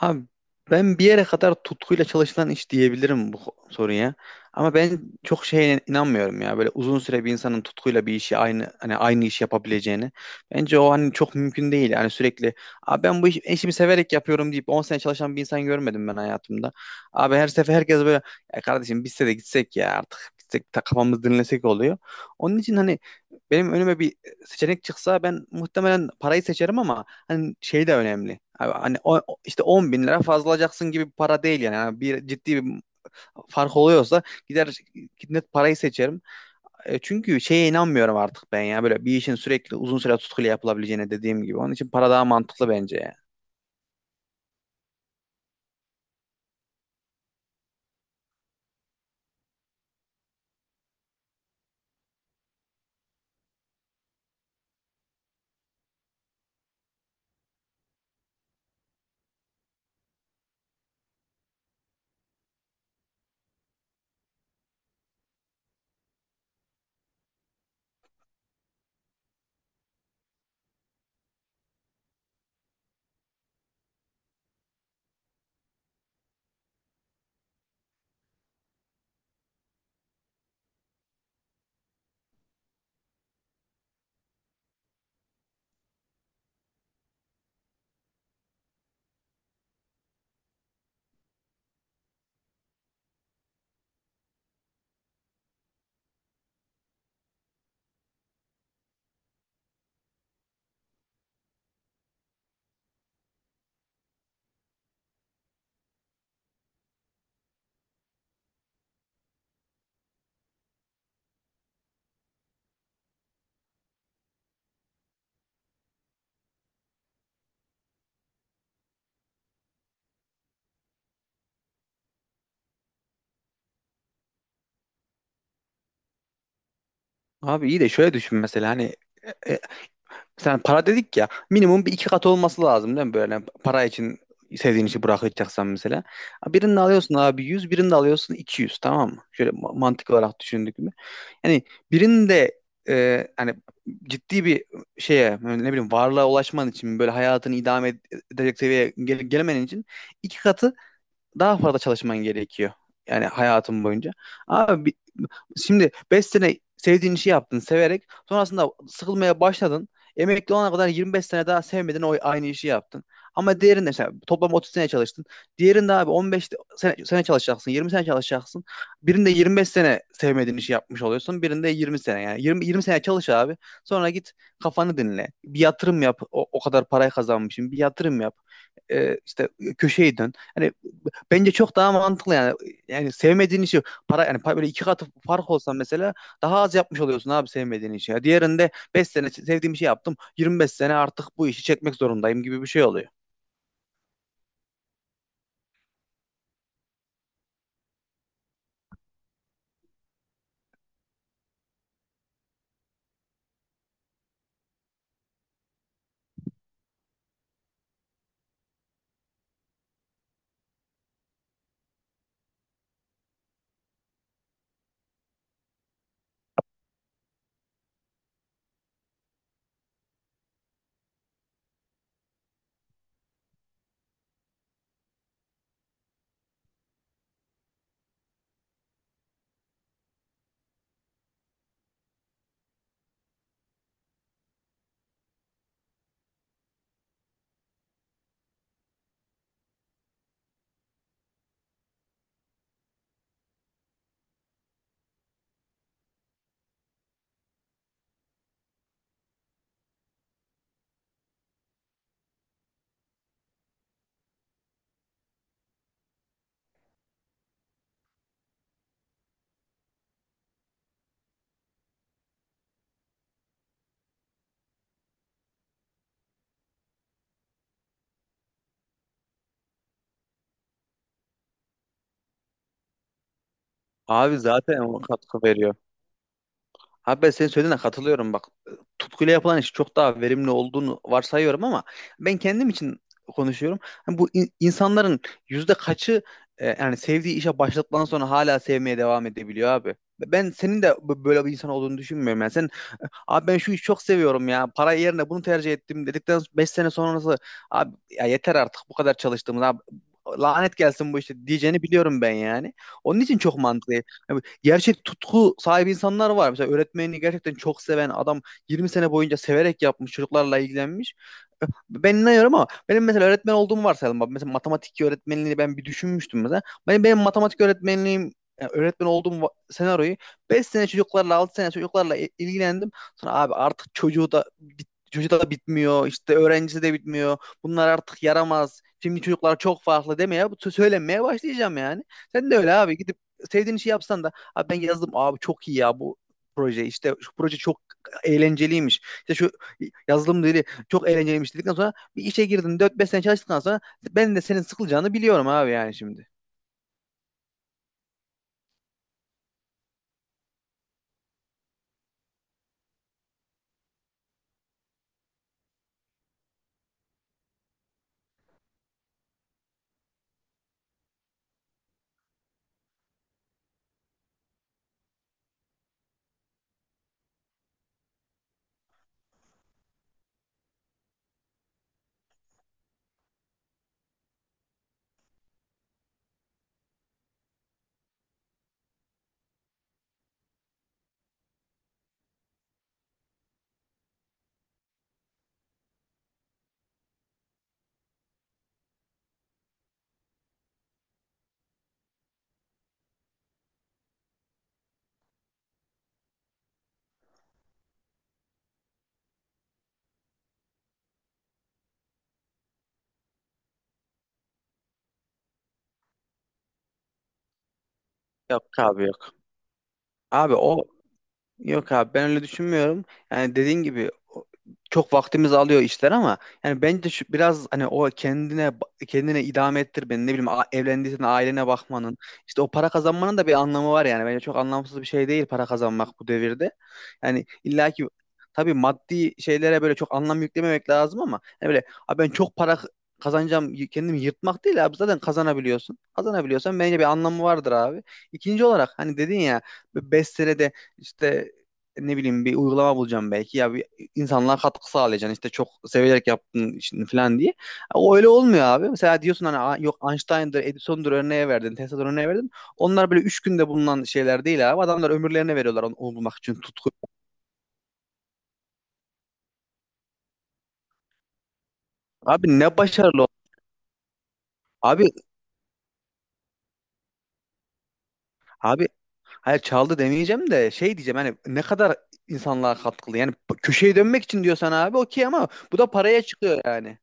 Abi, ben bir yere kadar tutkuyla çalışılan iş diyebilirim bu soruya. Ama ben çok şeye inanmıyorum ya. Böyle uzun süre bir insanın tutkuyla bir işi aynı, hani aynı iş yapabileceğini, bence o hani çok mümkün değil. Yani sürekli... Abi ben bu işimi severek yapıyorum deyip 10 sene çalışan bir insan görmedim ben hayatımda. Abi her sefer herkes böyle, ya kardeşim biz de gitsek ya, artık gitsek ta kafamızı dinlesek oluyor. Onun için hani benim önüme bir seçenek çıksa ben muhtemelen parayı seçerim ama hani şey de önemli. Abi, hani o, işte 10 bin lira fazla alacaksın gibi bir para değil yani. Yani bir ciddi bir fark oluyorsa gider, net parayı seçerim. Çünkü şeye inanmıyorum artık ben ya, böyle bir işin sürekli uzun süre tutkuyla yapılabileceğine, dediğim gibi. Onun için para daha mantıklı bence ya. Abi iyi de şöyle düşün mesela, hani e, e, sen para dedik ya, minimum bir iki kat olması lazım değil mi, böyle para için sevdiğin işi bırakacaksan mesela. Birini alıyorsun abi 100, birini alıyorsun 200, tamam mı? Şöyle mantık olarak düşündük mü? Yani birinin de, hani, ciddi bir şeye, ne bileyim, varlığa ulaşman için, böyle hayatını idame edecek seviyeye gelemen için iki katı daha fazla çalışman gerekiyor. Yani hayatın boyunca. Abi şimdi 5 sene sevdiğin işi yaptın severek, sonrasında sıkılmaya başladın. Emekli olana kadar 25 sene daha sevmedin, o aynı işi yaptın. Ama diğerinde mesela toplam 30 sene çalıştın. Diğerinde abi 15 sene çalışacaksın, 20 sene çalışacaksın. Birinde 25 sene sevmediğin işi yapmış oluyorsun. Birinde 20 sene yani. 20 sene çalış abi. Sonra git, kafanı dinle. Bir yatırım yap. O kadar parayı kazanmışsın. Bir yatırım yap. İşte köşeyi dön. Hani, bence çok daha mantıklı yani. Yani sevmediğin işi, para yani, böyle iki katı fark olsa mesela, daha az yapmış oluyorsun abi sevmediğin işi. Ya diğerinde 5 sene sevdiğim işi yaptım, 25 sene artık bu işi çekmek zorundayım gibi bir şey oluyor. Abi zaten o katkı veriyor. Abi, ben senin söylediğine katılıyorum, bak. Tutkuyla yapılan iş çok daha verimli olduğunu varsayıyorum ama ben kendim için konuşuyorum. Hani bu insanların yüzde kaçı, yani sevdiği işe başladıktan sonra hala sevmeye devam edebiliyor abi? Ben senin de böyle bir insan olduğunu düşünmüyorum. Yani sen, abi ben şu işi çok seviyorum ya, para yerine bunu tercih ettim dedikten 5 sene sonrası, abi ya yeter artık bu kadar çalıştığımız abi, lanet gelsin bu işte diyeceğini biliyorum ben yani. Onun için çok mantıklı. Yani gerçek tutku sahibi insanlar var. Mesela öğretmenini gerçekten çok seven adam 20 sene boyunca severek yapmış, çocuklarla ilgilenmiş. Ben inanıyorum ama benim mesela öğretmen olduğumu varsayalım. Bak mesela, matematik öğretmenliğini ben bir düşünmüştüm mesela. Benim matematik öğretmenliğim, yani öğretmen olduğum senaryoyu, 5 sene çocuklarla, 6 sene çocuklarla ilgilendim. Sonra abi artık çocuğu da çocuğu da bitmiyor, işte öğrencisi de bitmiyor, bunlar artık yaramaz, şimdi çocuklar çok farklı demeye, bu söylenmeye başlayacağım yani. Sen de öyle abi, gidip sevdiğin işi yapsan da, abi ben yazdım abi çok iyi ya bu proje, işte şu proje çok eğlenceliymiş, İşte şu yazılım dili çok eğlenceliymiş dedikten sonra, bir işe girdin dört beş sene çalıştıktan sonra, ben de senin sıkılacağını biliyorum abi yani şimdi. Yok abi, yok. Abi o... Yok abi, ben öyle düşünmüyorum. Yani dediğin gibi, o- çok vaktimizi alıyor işler ama yani bence şu, biraz hani, o kendine kendine idame ettir, beni ne bileyim, evlendiysen ailene bakmanın, işte o para kazanmanın da bir anlamı var yani, bence çok anlamsız bir şey değil para kazanmak bu devirde. Yani illaki, tabii maddi şeylere böyle çok anlam yüklememek lazım, ama hani böyle abi ben çok para kazanacağım, kendimi yırtmak değil abi, zaten kazanabiliyorsun. Kazanabiliyorsan bence bir anlamı vardır abi. İkinci olarak, hani dedin ya, 5 senede işte ne bileyim bir uygulama bulacağım belki, ya bir insanlığa katkı sağlayacaksın, işte çok severek yaptın işini falan diye. O öyle olmuyor abi. Mesela diyorsun hani, "Aa, yok Einstein'dır, Edison'dur örneğe verdin, Tesla'dır örneğe verdin." Onlar böyle üç günde bulunan şeyler değil abi. Adamlar ömürlerini veriyorlar onu bulmak için, tutku. Abi ne başarılı. Abi, abi hayır çaldı demeyeceğim de şey diyeceğim hani, ne kadar insanlığa katkılı. Yani köşeye dönmek için diyorsan abi okey, ama bu da paraya çıkıyor yani.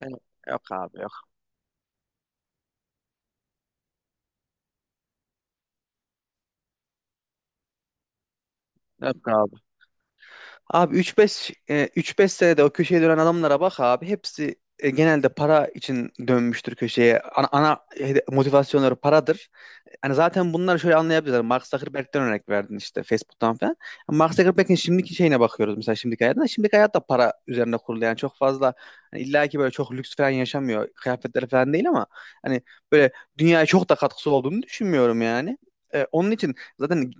Yani yok abi, yok. Yok abi. Abi 3-5 senede o köşeye dönen adamlara bak abi. Hepsi genelde para için dönmüştür köşeye. Ana motivasyonları paradır. Yani zaten bunları şöyle anlayabiliriz. Mark Zuckerberg'den örnek verdin işte, Facebook'tan falan. Mark Zuckerberg'in şimdiki şeyine bakıyoruz mesela, şimdiki hayatına. Şimdiki hayat da para üzerine kurulu. Yani çok fazla, hani illa ki böyle çok lüks falan yaşamıyor, kıyafetleri falan değil, ama hani böyle dünyaya çok da katkısı olduğunu düşünmüyorum yani. Onun için zaten,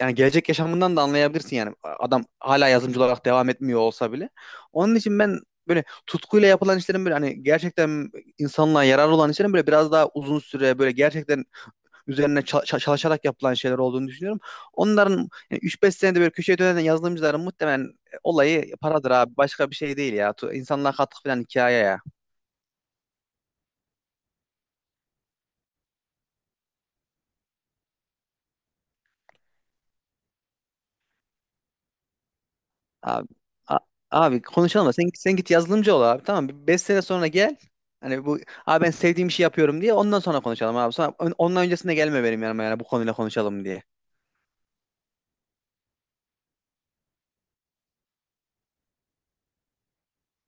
yani gelecek yaşamından da anlayabilirsin yani. Adam hala yazımcı olarak devam etmiyor olsa bile. Onun için ben böyle tutkuyla yapılan işlerin, böyle hani gerçekten insanlığa yararlı olan işlerin, böyle biraz daha uzun süre böyle gerçekten üzerine çalışarak yapılan şeyler olduğunu düşünüyorum. Onların, yani 3-5 senede böyle köşeye dönen yazılımcıların, muhtemelen olayı paradır abi. Başka bir şey değil ya. İnsanlığa katkı falan hikaye ya. Abi, a- abi konuşalım da sen, git yazılımcı ol abi, tamam mı? 5 sene sonra gel. Hani bu, abi ben sevdiğim işi yapıyorum diye ondan sonra konuşalım abi. Sonra, ondan öncesinde gelme benim yanıma yani bu konuyla, konuşalım diye.